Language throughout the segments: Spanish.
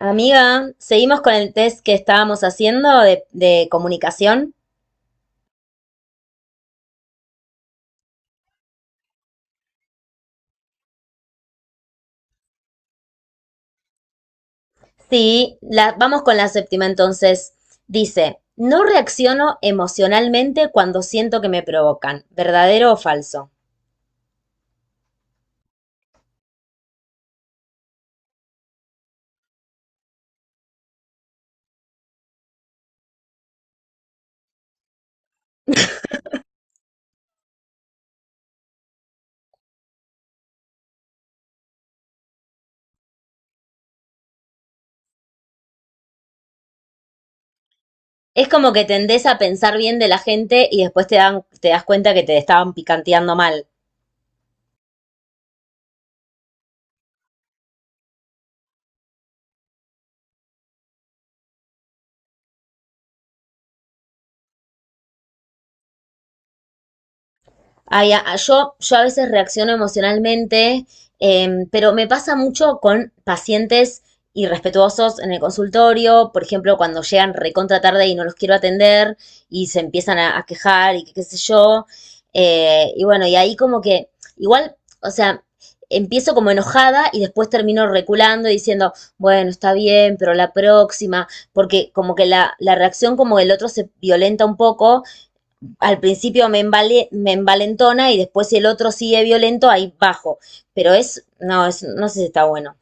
Amiga, seguimos con el test que estábamos haciendo de comunicación. Sí, vamos con la séptima entonces. Dice, no reacciono emocionalmente cuando siento que me provocan, ¿verdadero o falso? Es como que tendés a pensar bien de la gente y después te dan, te das cuenta que te estaban picanteando mal. Ay, yo a veces reacciono emocionalmente, pero me pasa mucho con pacientes irrespetuosos en el consultorio, por ejemplo, cuando llegan recontra tarde y no los quiero atender y se empiezan a quejar y qué sé yo. Y bueno, y ahí como que igual, o sea, empiezo como enojada y después termino reculando y diciendo, bueno, está bien, pero la próxima, porque como que la reacción como el otro se violenta un poco al principio me envalentona y después si el otro sigue violento, ahí bajo. Pero es, no sé si está bueno.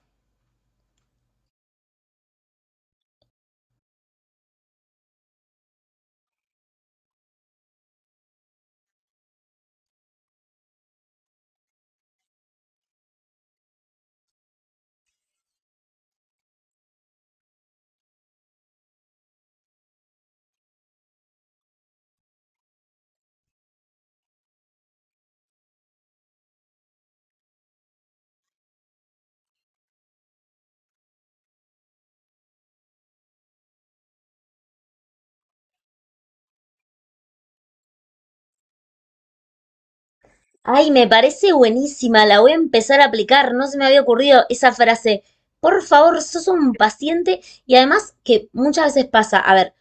Ay, me parece buenísima, la voy a empezar a aplicar, no se me había ocurrido esa frase. Por favor, sos un paciente y además que muchas veces pasa, a ver,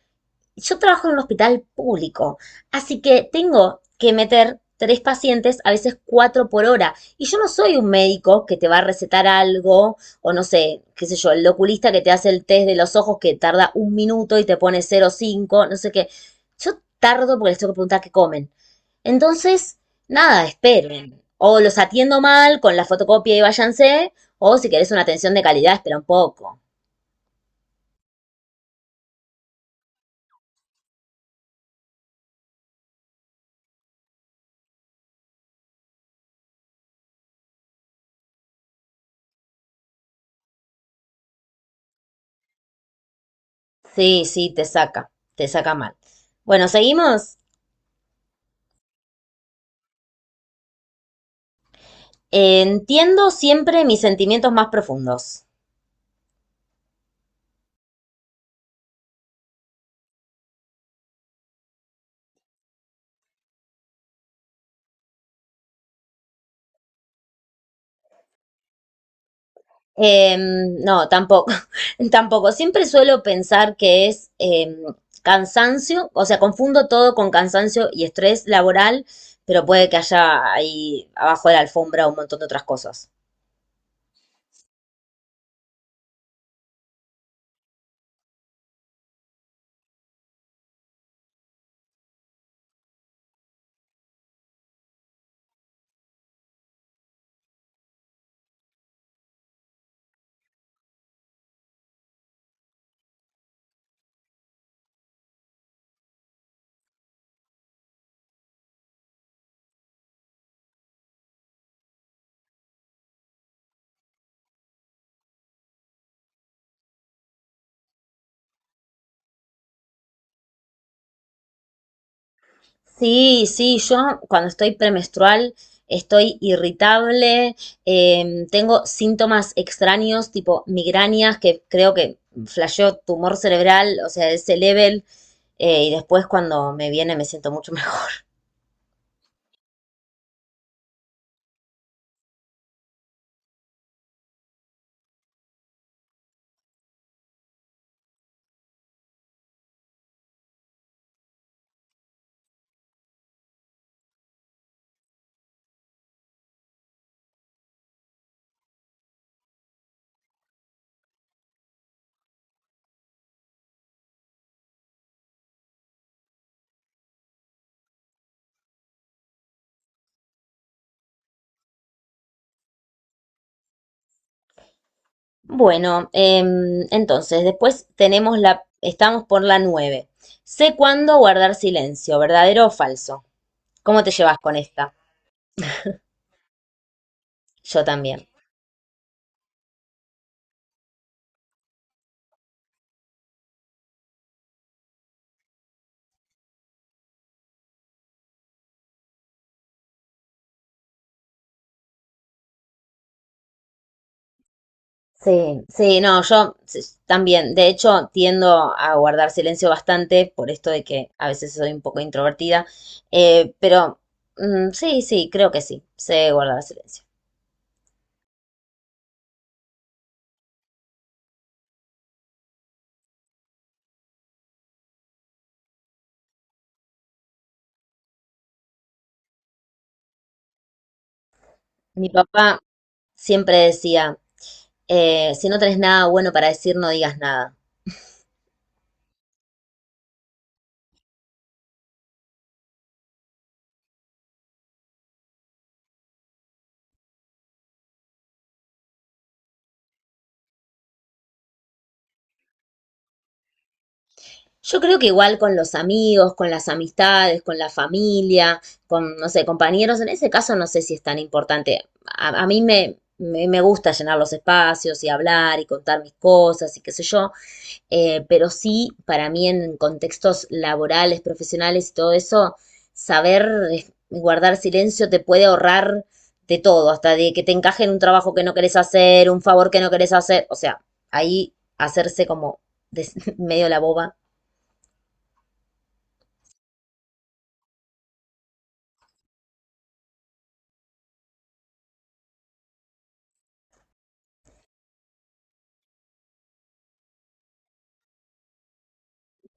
yo trabajo en un hospital público, así que tengo que meter tres pacientes, a veces cuatro por hora. Y yo no soy un médico que te va a recetar algo, o no sé, qué sé yo, el oculista que te hace el test de los ojos que tarda un minuto y te pone 0,5 no sé qué. Yo tardo porque les tengo que preguntar qué comen. Entonces, nada, esperen. O los atiendo mal con la fotocopia y váyanse, o si querés una atención de calidad, espera un poco. Sí, sí, te saca mal. Bueno, seguimos. Entiendo siempre mis sentimientos más profundos. No, tampoco, tampoco. Siempre suelo pensar que es cansancio, o sea, confundo todo con cansancio y estrés laboral, pero puede que haya ahí abajo de la alfombra un montón de otras cosas. Sí, sí, yo cuando estoy premenstrual estoy irritable, tengo síntomas extraños tipo migrañas que creo que flasheó tumor cerebral, o sea, ese level, y después cuando me viene me siento mucho mejor. Bueno, entonces después tenemos la, estamos por la 9. Sé cuándo guardar silencio, ¿verdadero o falso? ¿Cómo te llevas con esta? Yo también. Sí, sí, no, también, de hecho, tiendo a guardar silencio bastante por esto de que a veces soy un poco introvertida, eh, pero sí, sí, creo que sí, sé guardar silencio. Mi papá siempre decía, si no tenés nada bueno para decir, no digas nada. Yo creo que igual con los amigos, con las amistades, con la familia, con, no sé, compañeros, en ese caso no sé si es tan importante. A, a mí me gusta llenar los espacios y hablar y contar mis cosas y qué sé yo, pero sí, para mí en contextos laborales, profesionales y todo eso, saber guardar silencio te puede ahorrar de todo, hasta de que te encaje en un trabajo que no querés hacer, un favor que no querés hacer, o sea, ahí hacerse como des- medio la boba.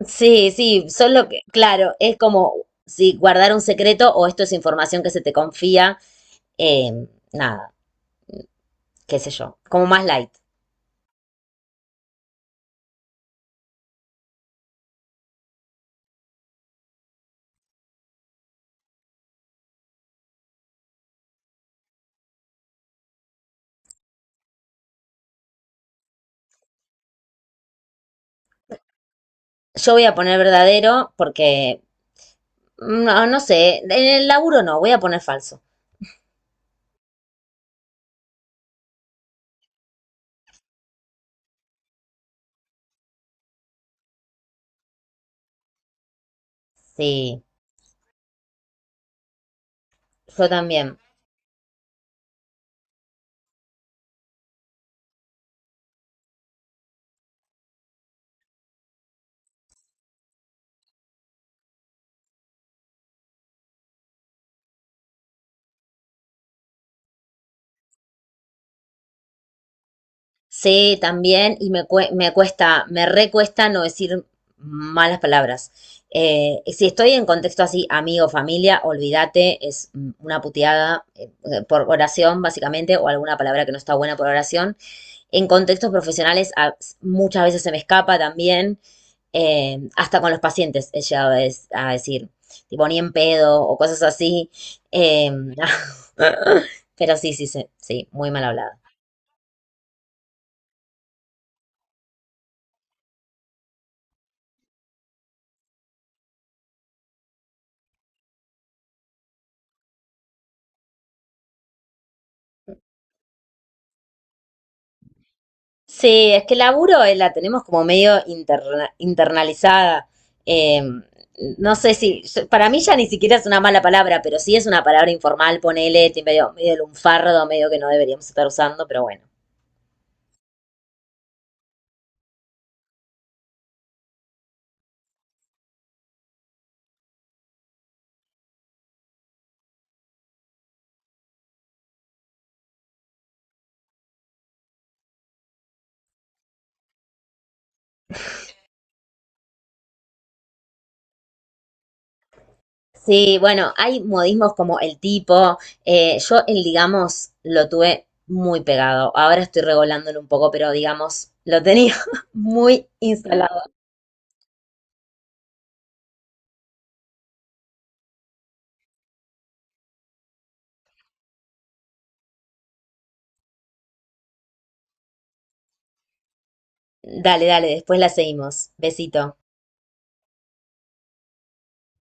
Sí, sí, solo que, claro, es como si guardar un secreto o esto es información que se te confía, nada, qué sé yo, como más light. Yo voy a poner verdadero porque, no, no sé, en el laburo no, voy a poner falso. Sí, yo también. Sí, también, y me cuesta, me recuesta no decir malas palabras. Si estoy en contexto así, amigo, familia, olvídate, es una puteada por oración, básicamente, o alguna palabra que no está buena por oración. En contextos profesionales, muchas veces se me escapa también, hasta con los pacientes he llegado a decir, tipo, ni en pedo, o cosas así. eh, pero sí, sí, sí, sí, muy mal hablada. Sí, es que el laburo la tenemos como medio internalizada. Eh, no sé si, para mí ya ni siquiera es una mala palabra, pero sí es una palabra informal, ponele, medio lunfardo, medio que no deberíamos estar usando, pero bueno. Sí, bueno, hay modismos como el tipo. Yo el digamos lo tuve muy pegado. Ahora estoy regolándolo un poco, pero digamos lo tenía muy instalado. Dale, dale, después la seguimos. Besito.